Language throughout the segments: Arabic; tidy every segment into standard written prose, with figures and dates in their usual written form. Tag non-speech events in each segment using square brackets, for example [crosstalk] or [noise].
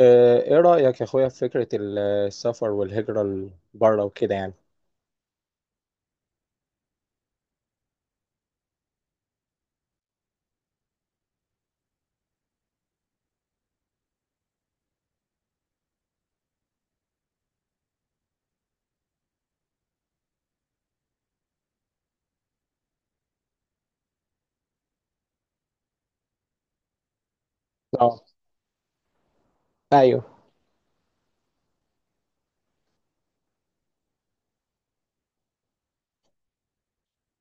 ايه رأيك يا اخويا في فكرة السفر والهجرة لبره وكده يعني؟ اه، ايوه،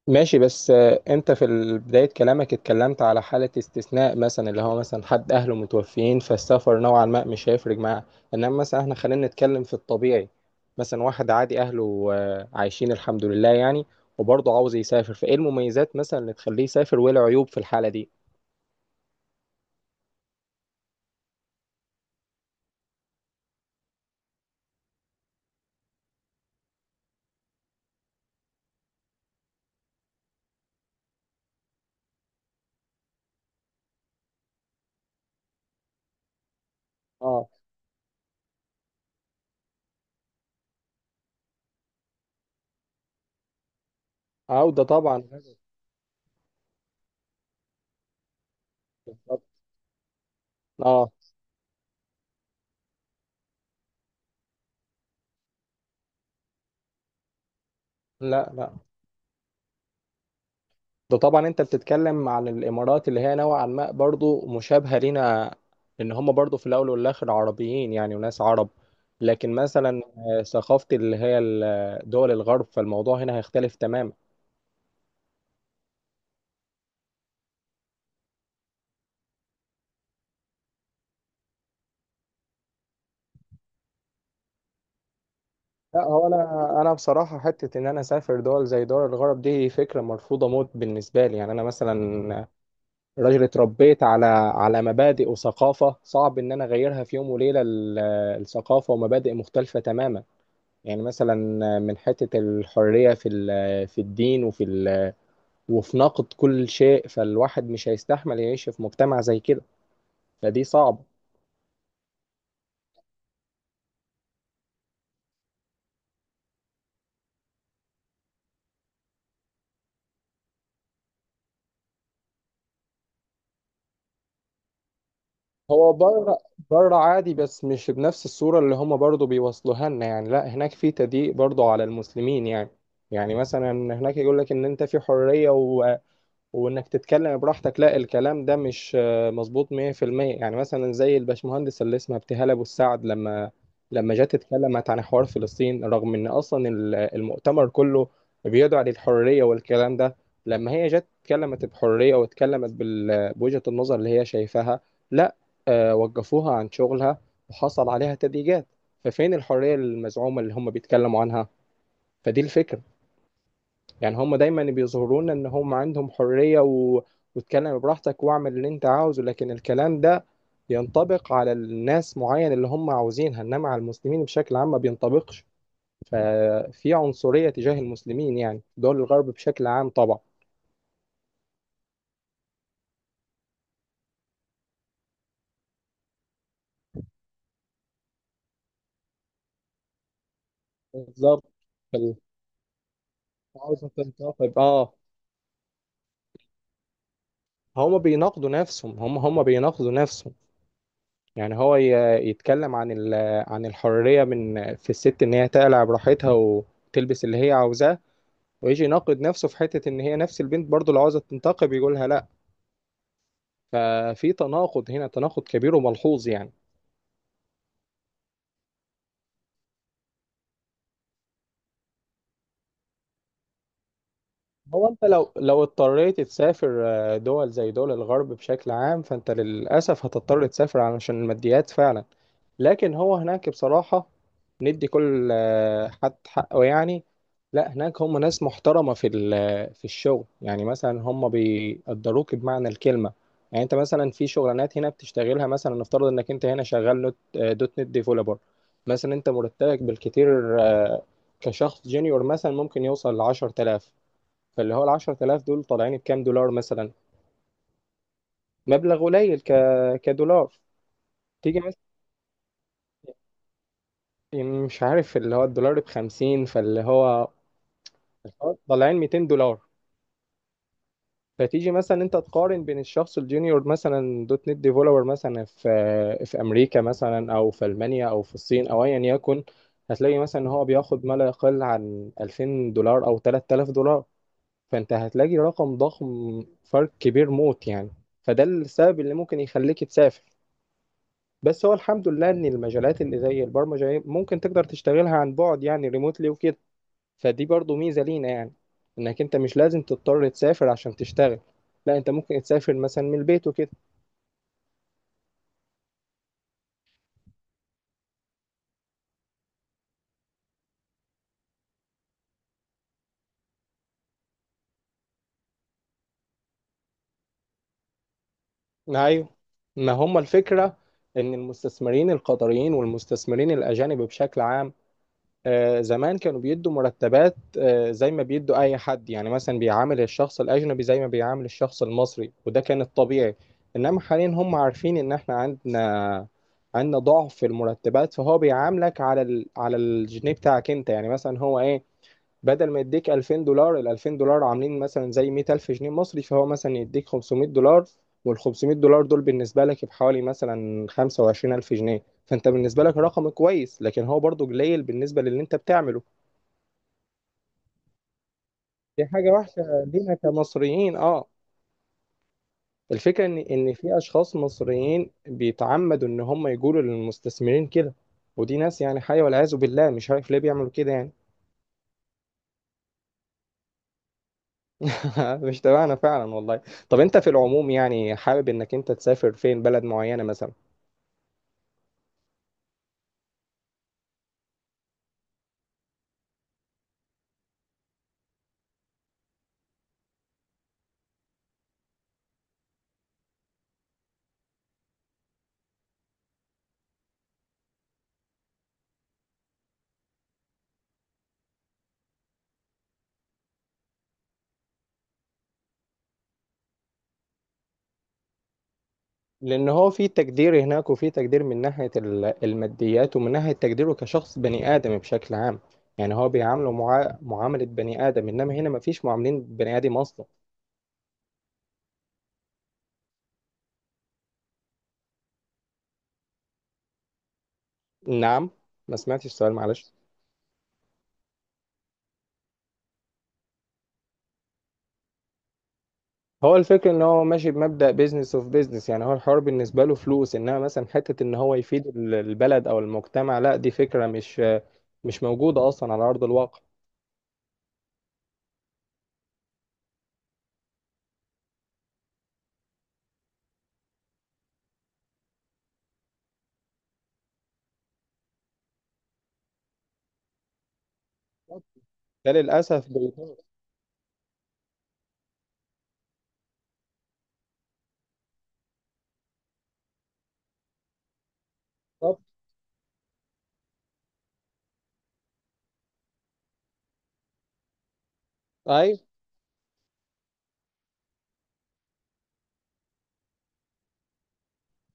ماشي. بس انت في بداية كلامك اتكلمت على حالة استثناء مثلا، اللي هو مثلا حد اهله متوفيين فالسفر نوعا ما مش هيفرق معاه. انما مثلا احنا خلينا نتكلم في الطبيعي. مثلا واحد عادي اهله عايشين الحمد لله يعني، وبرضه عاوز يسافر، فايه المميزات مثلا اللي تخليه يسافر وايه العيوب في الحالة دي؟ اه، عودة طبعا. اه. لا، لا. ده طبعا انت بتتكلم عن الامارات اللي هي نوعا ما برضو مشابهه لينا، ان هم برضو في الاول والاخر عربيين يعني وناس عرب. لكن مثلا ثقافه اللي هي دول الغرب، فالموضوع هنا هيختلف تماما. لا، هو انا، بصراحه حته ان انا اسافر دول زي دول الغرب دي فكره مرفوضه موت بالنسبه لي يعني. انا مثلا راجل اتربيت على مبادئ وثقافه، صعب ان انا اغيرها في يوم وليله. الثقافه ومبادئ مختلفه تماما. يعني مثلا من حتة الحرية في الدين وفي نقد كل شيء، فالواحد مش هيستحمل يعيش في مجتمع زي كده. فدي صعبة. هو بره بره عادي، بس مش بنفس الصورة اللي هما برضو بيوصلوها لنا يعني. لا، هناك في تضييق برضو على المسلمين يعني. يعني مثلا هناك يقول لك ان انت في حرية، و... وانك تتكلم براحتك. لا، الكلام ده مش مظبوط 100%، يعني مثلا زي الباشمهندس اللي اسمها ابتهال ابو السعد، لما جت اتكلمت عن حوار فلسطين، رغم ان اصلا المؤتمر كله بيدعى للحريه والكلام ده. لما هي جت اتكلمت بحريه واتكلمت بوجهه النظر اللي هي شايفاها، لا. وقفوها عن شغلها، وحصل عليها تضييقات. ففين الحريه المزعومه اللي هم بيتكلموا عنها؟ فدي الفكره يعني. هم دايما بيظهروا لنا ان هم عندهم حرية، و... واتكلم براحتك واعمل اللي انت عاوزه، لكن الكلام ده ينطبق على الناس معين اللي هم عاوزينها، انما على المسلمين بشكل عام ما بينطبقش. ففي عنصرية تجاه المسلمين يعني، دول الغرب بشكل عام طبعا. بالظبط. فال- عاوز تنتقد، اه. هم بيناقضوا نفسهم، هم بيناقضوا نفسهم يعني. هو يتكلم عن الحرية من في الست ان هي تقلع براحتها وتلبس اللي هي عاوزاه، ويجي يناقض نفسه في حتة ان هي نفس البنت برضه لو عاوزة تنتقم يقولها لا. ففي تناقض هنا، تناقض كبير وملحوظ يعني. هو انت لو اضطريت تسافر دول زي دول الغرب بشكل عام، فانت للاسف هتضطر تسافر علشان الماديات فعلا. لكن هو هناك بصراحة ندي كل حد حقه يعني. لا، هناك هم ناس محترمة في الشغل يعني، مثلا هم بيقدروك بمعنى الكلمة. يعني انت مثلا في شغلانات هنا بتشتغلها، مثلا نفترض انك انت هنا شغال دوت نت ديفلوبر مثلا. انت مرتبك بالكتير كشخص جونيور مثلا ممكن يوصل ل 10000. فاللي هو ال 10000 دول طالعين بكام دولار؟ مثلا مبلغ قليل ك... كدولار. تيجي مثلا، مش عارف اللي هو الدولار ب 50، فاللي هو طالعين 200 دولار. فتيجي مثلا انت تقارن بين الشخص الجونيور، مثلا دوت نت ديفلوبر مثلا في امريكا مثلا، او في المانيا، او في الصين، او ايا يكن. هتلاقي مثلا ان هو بياخد ما لا يقل عن 2000 دولار او 3000 دولار، فانت هتلاقي رقم ضخم، فرق كبير موت يعني. فده السبب اللي ممكن يخليك تسافر. بس هو الحمد لله ان المجالات اللي زي البرمجه ممكن تقدر تشتغلها عن بعد يعني ريموتلي وكده، فدي برضو ميزه لينا يعني، انك انت مش لازم تضطر تسافر عشان تشتغل. لا، انت ممكن تسافر مثلا من البيت وكده. ايوه، ما هم الفكره ان المستثمرين القطريين والمستثمرين الاجانب بشكل عام زمان كانوا بيدوا مرتبات زي ما بيدوا اي حد يعني، مثلا بيعامل الشخص الاجنبي زي ما بيعامل الشخص المصري، وده كان الطبيعي. انما حاليا هم عارفين ان احنا عندنا ضعف في المرتبات، فهو بيعاملك على الجنيه بتاعك انت يعني. مثلا هو ايه؟ بدل ما يديك 2000 دولار، ال 2000 دولار عاملين مثلا زي 100000 جنيه مصري، فهو مثلا يديك 500 دولار. وال 500 دولار دول بالنسبة لك بحوالي مثلا 25000 جنيه، فأنت بالنسبة لك رقم كويس، لكن هو برضو قليل بالنسبة للي أنت بتعمله. دي حاجة وحشة لينا كمصريين، أه. الفكرة إن في أشخاص مصريين بيتعمدوا إن هم يقولوا للمستثمرين كده. ودي ناس يعني، حي والعياذ بالله، مش عارف ليه بيعملوا كده يعني. [laughs] مش تبعنا فعلا والله. طب انت في العموم يعني حابب انك انت تسافر فين، بلد معينة مثلا؟ لان هو في تقدير هناك، وفي تقدير من ناحية الماديات، ومن ناحية تقديره كشخص بني آدم بشكل عام. يعني هو بيعامله معاملة بني آدم، انما هنا مفيش معاملين بني آدم اصلا. نعم، ما سمعتش السؤال، معلش. هو الفكرة ان هو ماشي بمبدأ بيزنس اوف بيزنس يعني، هو الحوار بالنسبة له فلوس، انما مثلا حتة ان هو يفيد البلد او المجتمع، لا دي فكرة مش موجودة اصلا على ارض الواقع. ده للأسف. بالظبط. أيوه،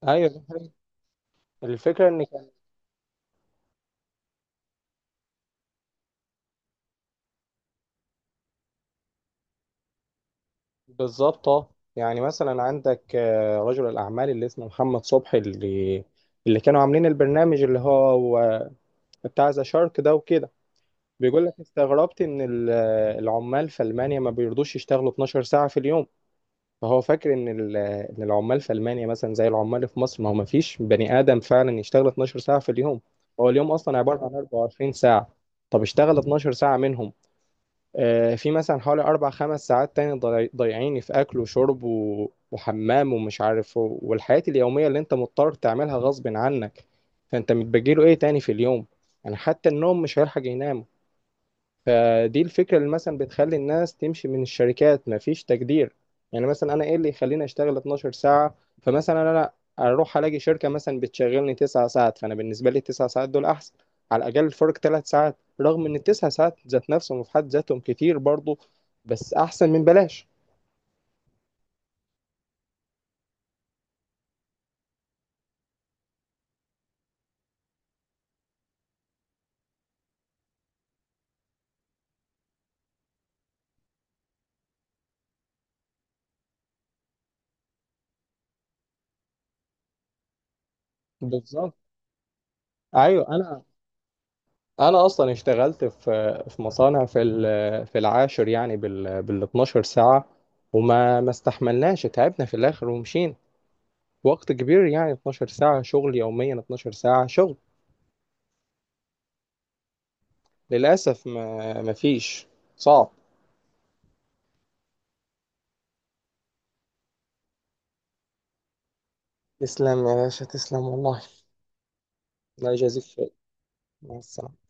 أيوه، دي حقيقة. الفكرة إن كان، بالظبط. آه. يعني مثلا عندك رجل الأعمال اللي اسمه محمد صبحي، اللي كانوا عاملين البرنامج اللي هو بتاع ذا شارك ده وكده. بيقول لك استغربت إن العمال في ألمانيا ما بيرضوش يشتغلوا 12 ساعة في اليوم. فهو فاكر إن ال- آه، إن العمال في ألمانيا مثلا زي العمال في مصر، ما هو ما فيش بني آدم فعلا يشتغل 12 ساعة في اليوم. هو اليوم أصلا عبارة عن 24 ساعة، طب اشتغل 12 ساعة منهم. في مثلا حوالي أربع خمس ساعات تاني ضايعيني في أكل وشرب و- وحمام ومش عارف و- والحياة اليومية اللي أنت مضطر تعملها غصب عنك. فأنت متبجيله إيه تاني في اليوم؟ يعني حتى النوم مش هيلحق ينام. فدي الفكرة اللي مثلا بتخلي الناس تمشي من الشركات، مفيش تقدير. يعني مثلا أنا إيه اللي يخليني أشتغل 12 ساعة؟ فمثلا أنا أروح ألاقي شركة مثلا بتشغلني 9 ساعات، فأنا بالنسبة لي 9 ساعات دول أحسن. على الأقل فرق 3 ساعات، رغم إن التسع ساعات ذات نفسهم في حد ذاتهم كتير برضه، بس أحسن من بلاش. بالظبط. أيوه، أنا أصلا اشتغلت في مصانع في العاشر يعني، بال 12 ساعة. وما ما استحملناش، تعبنا في الآخر ومشينا. وقت كبير يعني، 12 ساعة شغل يوميا، 12 ساعة شغل. للأسف ما فيش، صعب. تسلم يا باشا، تسلم والله. الله يجازيك خير، مع السلامة.